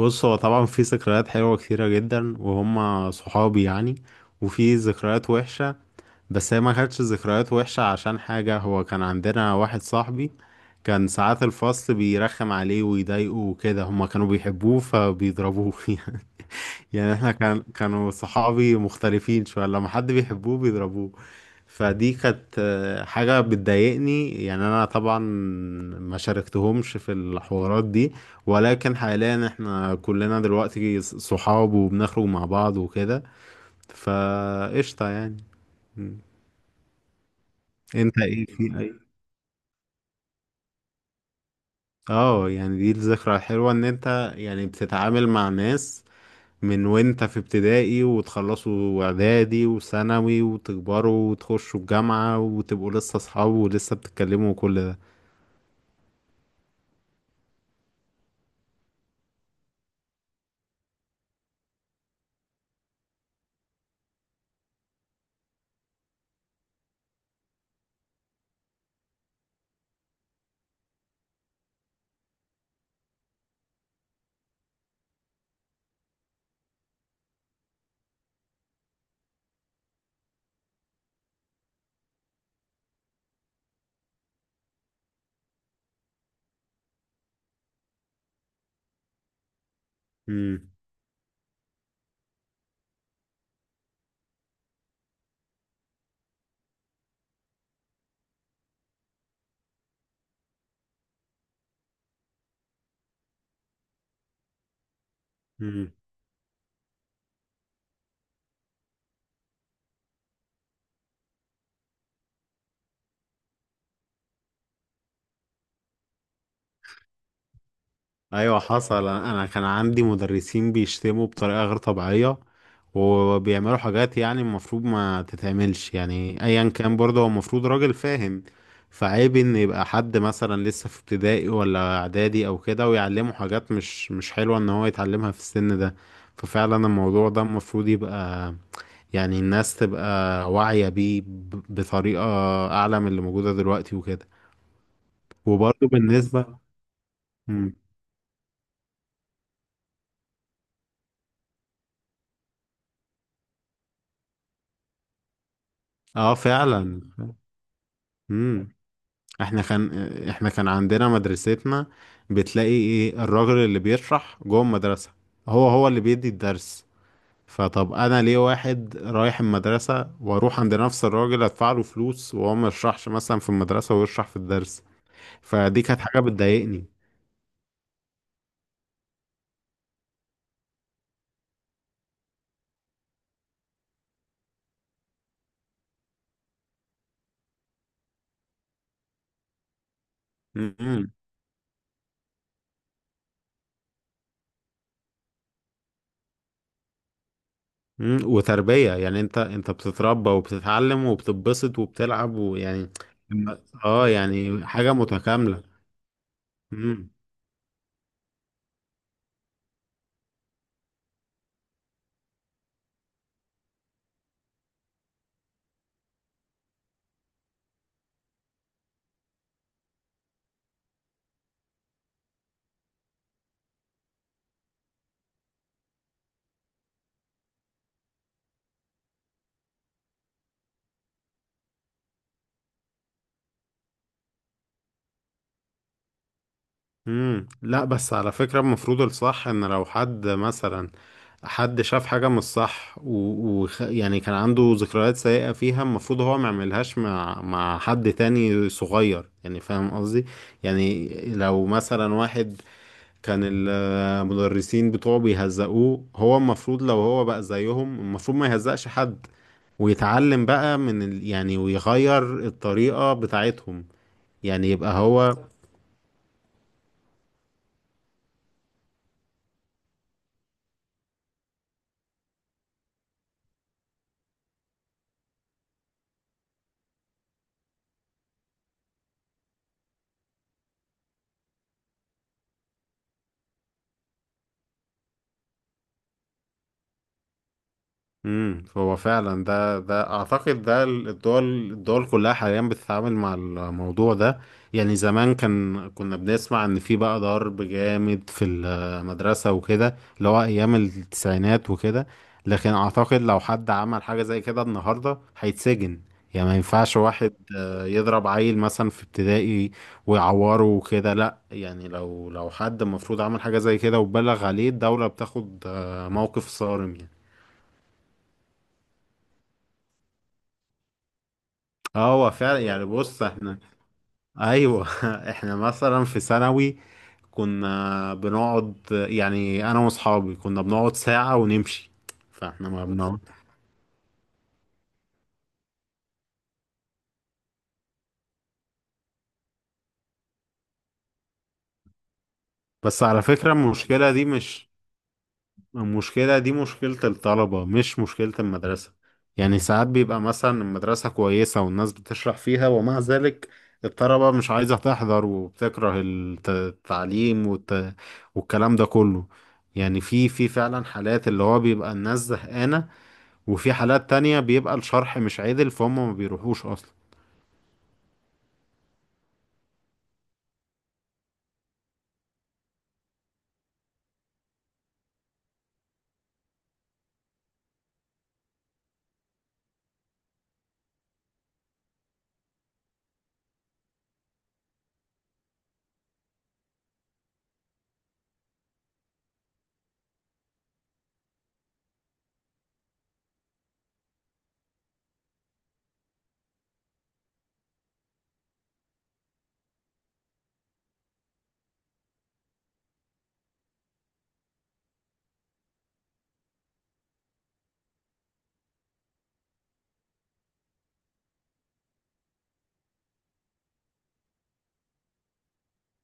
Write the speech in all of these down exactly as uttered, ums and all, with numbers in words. بص، هو طبعا في ذكريات حلوة كتيرة جدا وهم صحابي يعني. وفي ذكريات وحشة، بس هي ما كانتش ذكريات وحشة عشان حاجة. هو كان عندنا واحد صاحبي كان ساعات الفصل بيرخم عليه ويضايقه وكده، هما كانوا بيحبوه فبيضربوه. يعني احنا كان كانوا صحابي مختلفين شوية، لما حد بيحبوه بيضربوه. فدي كانت آه، حاجة بتضايقني. يعني انا طبعا ما شاركتهمش في الحوارات دي، ولكن حاليا احنا كلنا دلوقتي ص- صحاب وبنخرج مع بعض وكده، فقشطة يعني. م. انت ايه في اي؟ اه، يعني دي الذكرى الحلوة، ان انت يعني بتتعامل مع ناس من وانت في ابتدائي، وتخلصوا اعدادي وثانوي وتكبروا وتخشوا الجامعة وتبقوا لسه اصحاب ولسه بتتكلموا وكل ده. امم ايوه، حصل. انا أنا كان عندي مدرسين بيشتموا بطريقه غير طبيعيه، وبيعملوا حاجات يعني المفروض ما تتعملش. يعني ايا كان برضه هو المفروض راجل فاهم. فعيب ان يبقى حد مثلا لسه في ابتدائي ولا اعدادي او كده، ويعلمه حاجات مش مش حلوه ان هو يتعلمها في السن ده. ففعلا الموضوع ده المفروض يبقى، يعني الناس تبقى واعيه بيه ب- بطريقه اعلى من اللي موجوده دلوقتي وكده. وبرضه بالنسبه. مم. اه فعلا. امم. احنا كان احنا كان عندنا مدرستنا، بتلاقي ايه الراجل اللي بيشرح جوه المدرسة هو هو اللي بيدي الدرس. فطب انا ليه واحد رايح المدرسة واروح عند نفس الراجل ادفع له فلوس وهو ما يشرحش مثلا في المدرسة ويشرح في الدرس؟ فدي كانت حاجة بتضايقني. امم. امم، وتربية، يعني انت انت بتتربى وبتتعلم وبتتبسط وبتلعب ويعني. اه يعني حاجة متكاملة. امم، لا بس على فكرة المفروض الصح، ان لو حد مثلا حد شاف حاجة مش صح، و... و... يعني كان عنده ذكريات سيئة فيها، المفروض هو ما يعملهاش مع مع حد تاني صغير، يعني فاهم قصدي؟ يعني لو مثلا واحد كان المدرسين بتوعه بيهزقوه، هو المفروض لو هو بقى زيهم المفروض ما يهزقش حد، ويتعلم بقى من ال، يعني ويغير الطريقة بتاعتهم، يعني يبقى هو. امم، هو فعلا ده، ده اعتقد ده الدول الدول كلها حاليا بتتعامل مع الموضوع ده. يعني زمان كان كنا بنسمع ان في بقى ضرب جامد في المدرسة وكده، اللي هو ايام التسعينات وكده، لكن اعتقد لو حد عمل حاجة زي كده النهاردة هيتسجن. يعني ما ينفعش واحد آه، يضرب عيل مثلا في ابتدائي ويعوره وكده، لا. يعني لو لو حد المفروض عمل حاجة زي كده وبلغ عليه، الدولة بتاخد آه، موقف صارم يعني. هو فعلا، يعني بص احنا، ايوه. احنا مثلا في ثانوي كنا بنقعد، يعني انا واصحابي كنا بنقعد ساعة ونمشي. فاحنا ما بنقعد. بس على فكرة المشكلة دي مش، المشكلة دي مشكلة الطلبة مش مشكلة المدرسة. يعني ساعات بيبقى مثلا المدرسة كويسة والناس بتشرح فيها، ومع ذلك الطلبة مش عايزة تحضر، وبتكره الت- التعليم والت، والكلام ده كله. يعني في في فعلا حالات اللي هو بيبقى الناس زهقانة، وفي حالات تانية بيبقى الشرح مش عادل فهم ما بيروحوش أصلا.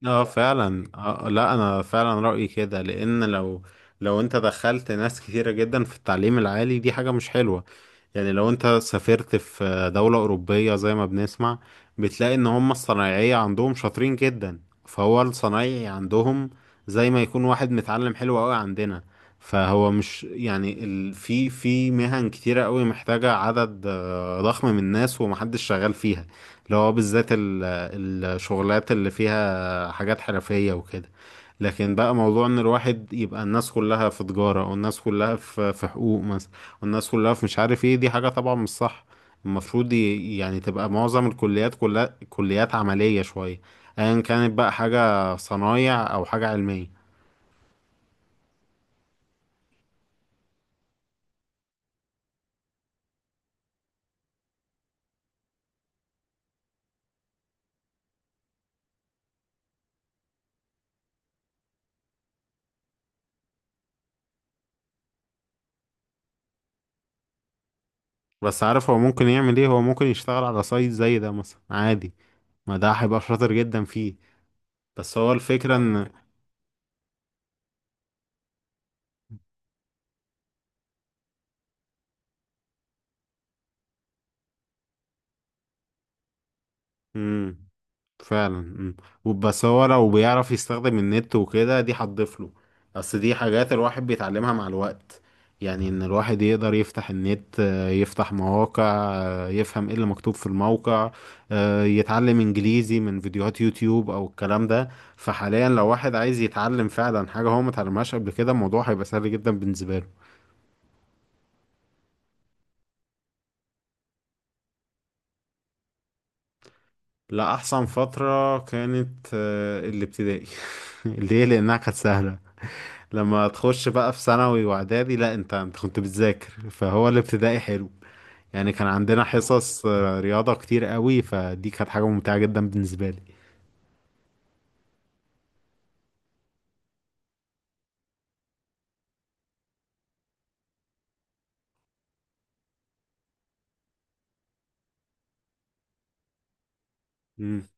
اه فعلا. آه لا انا فعلا رأيي كده، لان لو، لو انت دخلت ناس كتيرة جدا في التعليم العالي دي حاجة مش حلوة. يعني لو انت سافرت في دولة أوروبية زي ما بنسمع، بتلاقي ان هم الصنايعية عندهم شاطرين جدا. فهو الصنايعي عندهم زي ما يكون واحد متعلم حلو قوي عندنا. فهو مش يعني ال، في في مهن كتيرة قوي محتاجة عدد آه، ضخم من الناس ومحدش شغال فيها، اللي هو بالذات ال، الشغلات اللي فيها حاجات حرفية وكده. لكن بقى موضوع ان الواحد يبقى الناس كلها في تجارة او الناس كلها في في حقوق مثلا، والناس كلها في مش عارف ايه، دي حاجة طبعا مش صح. المفروض ي- يعني تبقى معظم الكليات كلها كليات عملية شوية، ايا كانت بقى حاجة صنايع او حاجة علمية. بس عارف هو ممكن يعمل ايه؟ هو ممكن يشتغل على سايت زي ده مثلا عادي، ما ده هيبقى شاطر جدا فيه. بس هو الفكرة ان، امم فعلا. امم، وبس هو لو بيعرف يستخدم النت وكده دي هتضيف له، بس دي حاجات الواحد بيتعلمها مع الوقت. يعني ان الواحد يقدر يفتح النت، آه، يفتح مواقع، آه، يفهم ايه اللي مكتوب في الموقع، آه، يتعلم انجليزي من فيديوهات يوتيوب او الكلام ده. فحاليا لو واحد عايز يتعلم فعلا حاجة هو ما اتعلمهاش قبل كده، الموضوع هيبقى سهل جدا بالنسبة له. لا احسن فترة كانت آه، الابتدائي. ليه؟ لانها كانت سهلة، لما تخش بقى في ثانوي واعدادي لا، انت انت كنت بتذاكر. فهو الابتدائي حلو، يعني كان عندنا حصص آه، رياضة كتير قوي، فدي كانت حاجة ممتعة جدا بالنسبة لي. امم.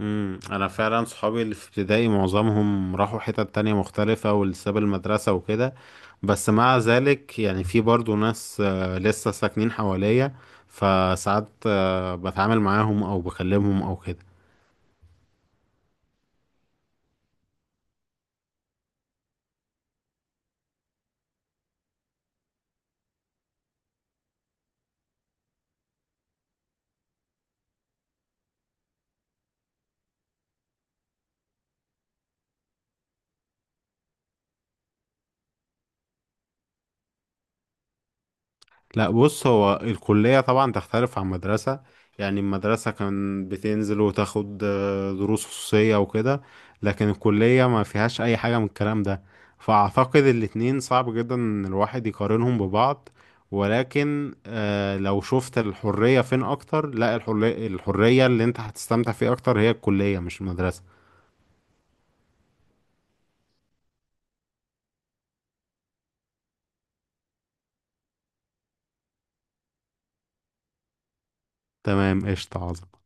امم، انا فعلا صحابي اللي في ابتدائي معظمهم راحوا حتت تانية مختلفة والساب المدرسة وكده، بس مع ذلك يعني في برضو ناس آه، لسه ساكنين حواليا، فساعات آه، بتعامل معاهم او بكلمهم او كده. لا بص هو الكلية طبعا تختلف عن مدرسة، يعني المدرسة كان بتنزل وتاخد آه، دروس خصوصية وكده، لكن الكلية ما فيهاش أي حاجة من الكلام ده. فأعتقد الاتنين صعب جدا إن الواحد يقارنهم ببعض، ولكن آه، لو شفت الحرية فين أكتر، لا الحرية، الحرية اللي أنت هتستمتع فيها أكتر هي الكلية مش المدرسة. تمام، قشطة، عظمة.